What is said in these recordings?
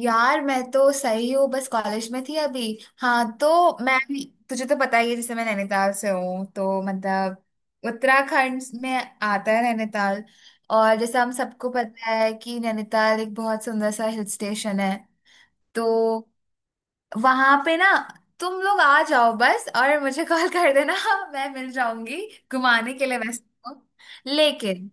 यार, मैं तो सही हूँ, बस कॉलेज में थी अभी। हाँ, तो मैं भी, तुझे तो पता ही है, जैसे मैं नैनीताल से हूँ, तो मतलब उत्तराखंड में आता है नैनीताल। और जैसे हम सबको पता है कि नैनीताल एक बहुत सुंदर सा हिल स्टेशन है। तो वहां पे ना, तुम लोग आ जाओ बस, और मुझे कॉल कर देना। मैं मिल जाऊंगी घुमाने के लिए वैसे। तो लेकिन।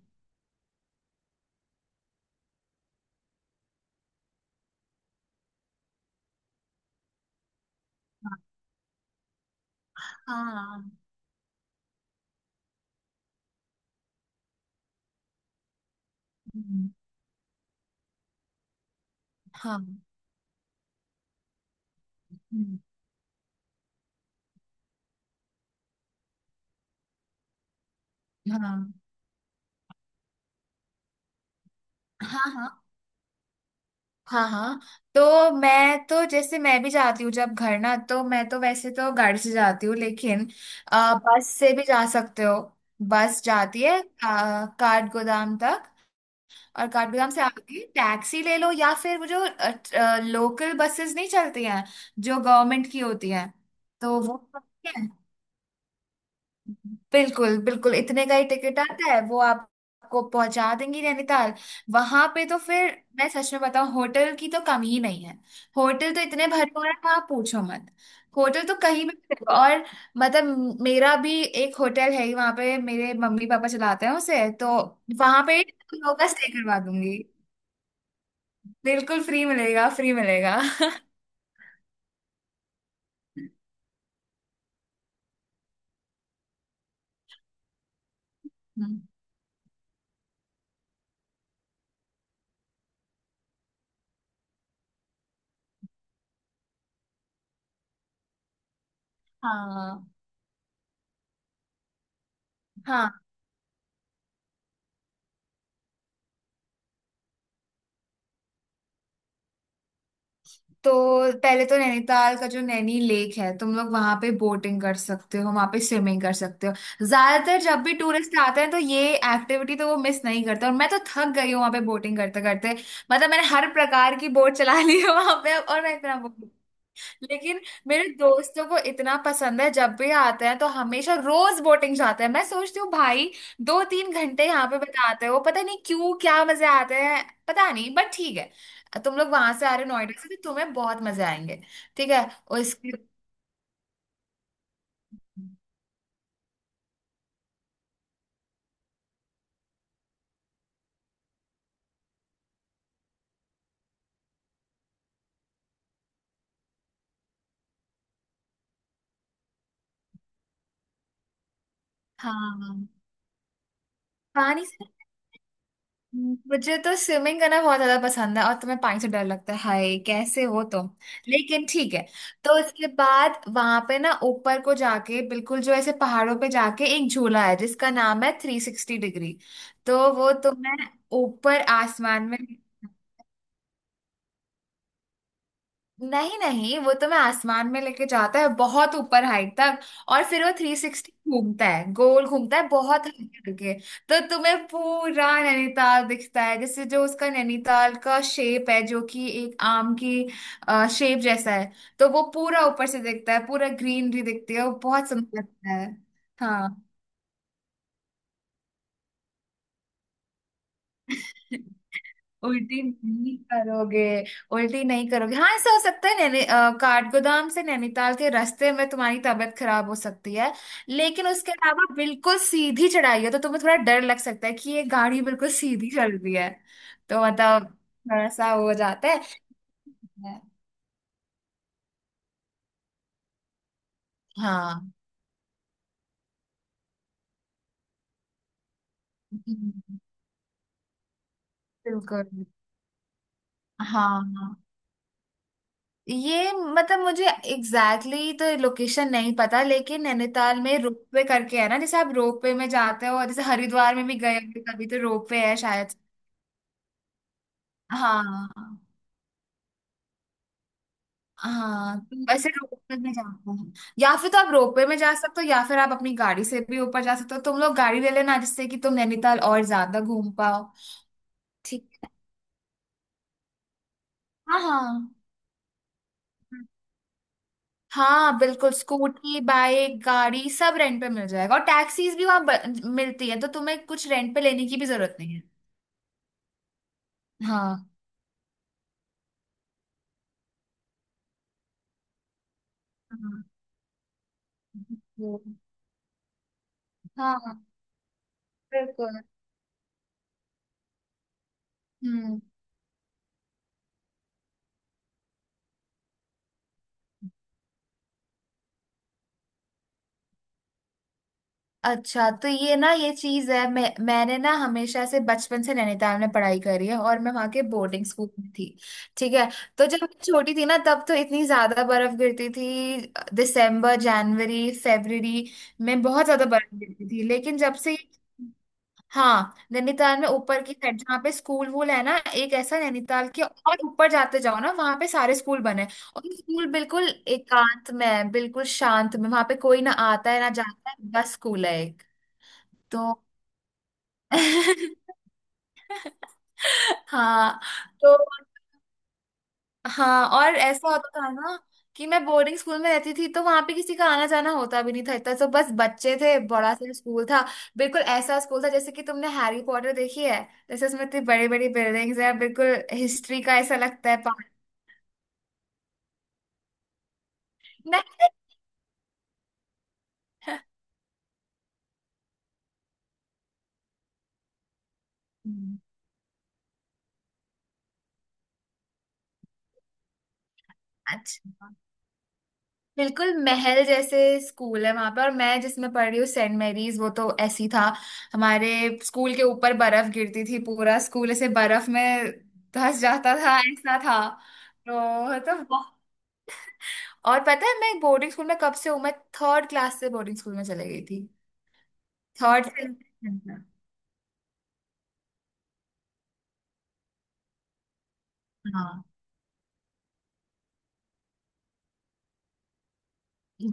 हाँ, हाँ। हम्म। हाँ। हम्म। हाँ, हाँ। हाँ, हाँ, हाँ। तो मैं तो, जैसे मैं भी जाती हूँ जब घर, ना तो मैं तो वैसे तो गाड़ी से जाती हूँ, लेकिन बस से भी जा सकते हो। बस जाती है काठ गोदाम तक। और काठ गोदाम से आती है, टैक्सी ले लो, या फिर वो जो लोकल बसेस नहीं चलती हैं, जो गवर्नमेंट की होती हैं, तो वो बिल्कुल बिल्कुल इतने का ही टिकट आता है वो। आपको पहुंचा देंगी नैनीताल। वहां पे तो फिर, मैं सच में बताऊं, होटल की तो कमी ही नहीं है। होटल तो इतने भरपूर है, आप पूछो मत। होटल तो कहीं भी मिलेगा। और मतलब, मेरा भी एक होटल है ही वहां पे, मेरे मम्मी पापा चलाते हैं उसे, तो वहां पे तुम लोगों का स्टे करवा दूंगी। बिल्कुल फ्री मिलेगा, फ्री मिलेगा। हाँ, हाँ। तो पहले तो नैनीताल का जो नैनी लेक है, तुम लोग वहां पे बोटिंग कर सकते हो, वहां पे स्विमिंग कर सकते हो। ज्यादातर जब भी टूरिस्ट आते हैं तो ये एक्टिविटी तो वो मिस नहीं करते। और मैं तो थक गई हूँ वहां पे बोटिंग करते करते। मतलब मैंने हर प्रकार की बोट चला ली है वहां पे अब, और मैं इतना बोर। लेकिन मेरे दोस्तों को इतना पसंद है, जब भी आते हैं तो हमेशा रोज बोटिंग जाते हैं। मैं सोचती हूँ, भाई, 2 3 घंटे यहाँ पे बिताते हो, पता नहीं क्यों, क्या मजे आते हैं। पता नहीं, बट ठीक है, तुम लोग वहां से आ रहे हो नोएडा से तो तुम्हें बहुत मजे आएंगे। ठीक है। उसके। हाँ, हाँ। पानी से, मुझे तो स्विमिंग करना बहुत ज्यादा पसंद है, और तुम्हें पानी से डर लगता है, हाय कैसे हो तुम। लेकिन ठीक है, तो इसके बाद वहां पे ना, ऊपर को जाके, बिल्कुल जो ऐसे पहाड़ों पे जाके, एक झूला है जिसका नाम है थ्री सिक्सटी डिग्री। तो वो तुम्हें ऊपर आसमान में, नहीं नहीं, वो तो मैं आसमान में लेके जाता है बहुत ऊपर हाइट तक। और फिर वो थ्री सिक्सटी घूमता है, गोल घूमता है, बहुत हाइट करके। तो तुम्हें पूरा नैनीताल दिखता है। जैसे जो उसका नैनीताल का शेप है, जो कि एक आम की शेप जैसा है, तो वो पूरा ऊपर से दिखता है, पूरा ग्रीनरी दिखती है, वो बहुत सुंदर लगता है। हाँ। उल्टी नहीं करोगे। उल्टी नहीं करोगे। हाँ, ऐसा हो सकता है, काठगोदाम से नैनीताल के रास्ते में तुम्हारी तबीयत खराब हो सकती है। लेकिन उसके अलावा बिल्कुल सीधी चढ़ाई है, तो तुम्हें थोड़ा डर लग सकता है कि ये गाड़ी बिल्कुल सीधी चल रही है। तो मतलब थोड़ा सा हो जाता है। हाँ, बिल्कुल। हाँ, हाँ। ये, मतलब मुझे एग्जैक्टली तो लोकेशन नहीं पता, लेकिन नैनीताल में रोपवे करके है ना, जैसे आप रोपवे में जाते हो, और जैसे हरिद्वार में भी गए होंगे कभी, तो रोपवे है शायद। हाँ, हाँ, तो वैसे रोपवे में जाते हैं, या फिर तो आप रोपवे में जा सकते हो, या फिर आप अपनी गाड़ी से भी ऊपर जा सकते हो। तुम लोग गाड़ी ले लेना, जिससे कि तुम नैनीताल और ज्यादा घूम पाओ। ठीक है। हाँ, हाँ। हाँ, बिल्कुल स्कूटी, बाइक, गाड़ी सब रेंट पे मिल जाएगा, और टैक्सीज भी वहां मिलती है, तो तुम्हें कुछ रेंट पे लेने की भी जरूरत नहीं है। हाँ, हाँ। वो, हाँ, बिल्कुल। हम्म। अच्छा, तो ये ना, ये चीज है, मैंने ना हमेशा से बचपन से नैनीताल में पढ़ाई करी है और मैं वहां के बोर्डिंग स्कूल में थी। ठीक है। तो जब मैं छोटी थी ना, तब तो इतनी ज्यादा बर्फ गिरती थी, दिसंबर जनवरी फरवरी में बहुत ज्यादा बर्फ गिरती थी, लेकिन जब से। हाँ, नैनीताल में ऊपर की साइड जहाँ पे स्कूल वूल है ना, एक ऐसा, नैनीताल के और ऊपर जाते जाओ ना, वहां पे सारे स्कूल बने हैं। और ये स्कूल बिल्कुल एकांत में है, बिल्कुल शांत में, वहां पे कोई ना आता है ना जाता है, बस स्कूल है एक। तो। हाँ। तो। हाँ, और ऐसा होता था ना कि मैं बोर्डिंग स्कूल में रहती थी, तो वहां पे किसी का आना जाना होता भी नहीं था इतना, तो बस बच्चे थे, बड़ा सा स्कूल था। बिल्कुल ऐसा स्कूल था जैसे कि तुमने हैरी पॉटर देखी है, जैसे उसमें इतनी बड़ी बड़ी बिल्डिंग्स है, बिल्कुल हिस्ट्री का ऐसा लगता है पार्ट। नहीं। अच्छा। बिल्कुल महल जैसे स्कूल है वहां पे, और मैं जिसमें पढ़ रही हूँ, सेंट मैरीज, वो तो ऐसी था। हमारे स्कूल के ऊपर बर्फ गिरती थी, पूरा स्कूल ऐसे बर्फ में धंस जाता था, ऐसा था। तो तो बहु- और पता है मैं बोर्डिंग स्कूल में कब से हूँ? मैं थर्ड क्लास से बोर्डिंग स्कूल में चले गई थी। थर्ड से। हाँ।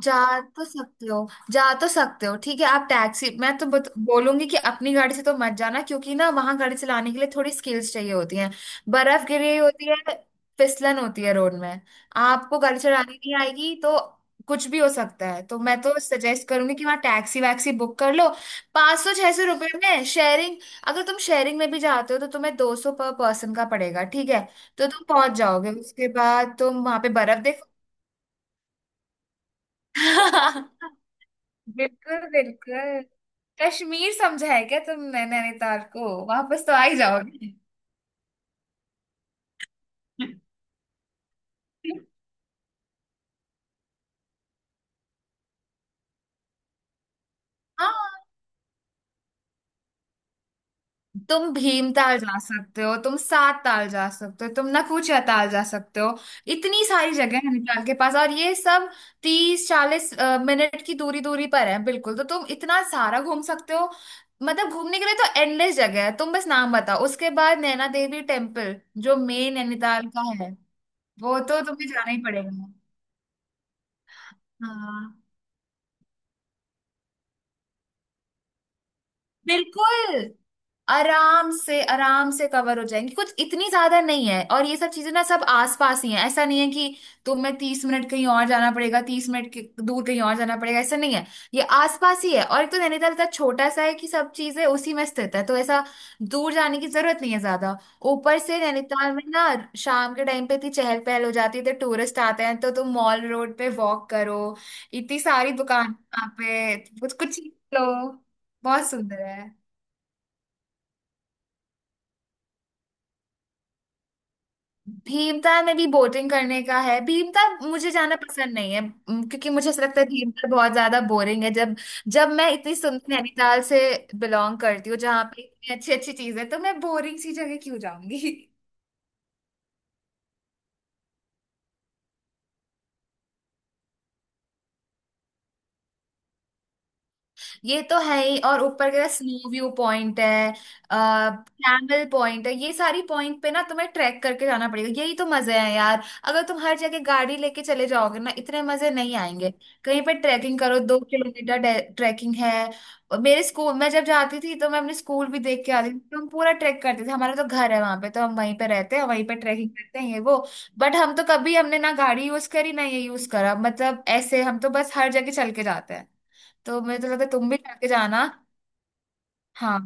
जा तो सकते हो, जा तो सकते हो, ठीक है, आप टैक्सी। मैं तो बोलूंगी कि अपनी गाड़ी से तो मत जाना, क्योंकि ना, वहां गाड़ी चलाने के लिए थोड़ी स्किल्स चाहिए होती हैं, बर्फ गिरी होती है, फिसलन होती है रोड में, आपको गाड़ी चलानी नहीं आएगी तो कुछ भी हो सकता है। तो मैं तो सजेस्ट करूंगी कि वहाँ टैक्सी वैक्सी बुक कर लो। 500 600 रुपये में शेयरिंग। अगर तुम शेयरिंग में भी जाते हो तो तुम्हें 200 पर पर्सन का पड़ेगा। ठीक है? तो तुम पहुंच जाओगे, उसके बाद तुम वहां पे बर्फ देखो। बिल्कुल, बिल्कुल। कश्मीर समझा है क्या तुमने नैनीताल को? वापस तो आ ही जाओगे। हाँ, तुम भीमताल जा सकते हो, तुम सात ताल जा सकते हो, तुम नखूचिया ताल जा सकते हो। इतनी सारी जगह है नैनीताल के पास, और ये सब 30-40 मिनट की दूरी दूरी पर है बिल्कुल, तो तुम इतना सारा घूम सकते हो। मतलब घूमने के लिए तो एंडलेस जगह है, तुम बस नाम बताओ। उसके बाद नैना देवी टेम्पल जो मेन नैनीताल का है, वो तो तुम्हें जाना ही पड़ेगा। हाँ, बिल्कुल, आराम से, आराम से कवर हो जाएंगी, कुछ इतनी ज्यादा नहीं है। और ये सब चीजें ना, सब आसपास ही हैं, ऐसा नहीं है कि तुम्हें 30 मिनट कहीं और जाना पड़ेगा, 30 मिनट के दूर कहीं और जाना पड़ेगा, ऐसा नहीं है। ये आसपास ही है, और एक तो नैनीताल इतना छोटा सा है कि सब चीजें उसी में स्थित है, तो ऐसा दूर जाने की जरूरत नहीं है ज्यादा। ऊपर से नैनीताल में ना, शाम के टाइम पे इतनी चहल पहल हो जाती है, तो टूरिस्ट आते हैं, तो तुम मॉल रोड पे वॉक करो, इतनी सारी दुकान वहाँ पे, कुछ कुछ चीज़ लो, बहुत सुंदर है। भीमताल में भी बोटिंग करने का है, भीमताल मुझे जाना पसंद नहीं है, क्योंकि मुझे ऐसा लगता है भीमताल बहुत ज्यादा बोरिंग है, जब जब मैं इतनी सुंदर नैनीताल से बिलोंग करती हूँ, जहाँ पे इतनी अच्छी अच्छी चीजें, तो मैं बोरिंग सी जगह क्यों जाऊंगी। ये तो है ही, और ऊपर का स्नो व्यू पॉइंट है, आ, कैमल पॉइंट है, ये सारी पॉइंट पे ना तुम्हें ट्रैक करके जाना पड़ेगा, यही तो मजे हैं यार। अगर तुम हर जगह गाड़ी लेके चले जाओगे ना, इतने मजे नहीं आएंगे। कहीं पे ट्रैकिंग करो, 2 किलोमीटर ट्रैकिंग है। और मेरे स्कूल मैं जब जाती थी, तो मैं अपने स्कूल भी देख के आती थी, तो हम पूरा ट्रैक करते थे। हमारा तो घर है वहां पे, तो हम वहीं पे रहते हैं, वहीं पे ट्रैकिंग करते हैं, ये वो। बट हम तो कभी, हमने ना गाड़ी यूज करी ना ये यूज करा, मतलब ऐसे हम तो बस हर जगह चल के जाते हैं। तो मुझे तो लगता है तुम भी करके जाना। हाँ,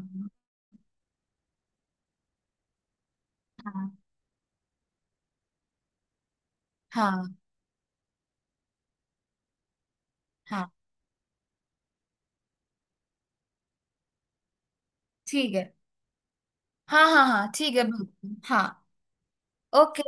हाँ। हाँ, हाँ, ठीक है। हाँ, हाँ, हाँ, ठीक है, बिल्कुल। हाँ। ओके।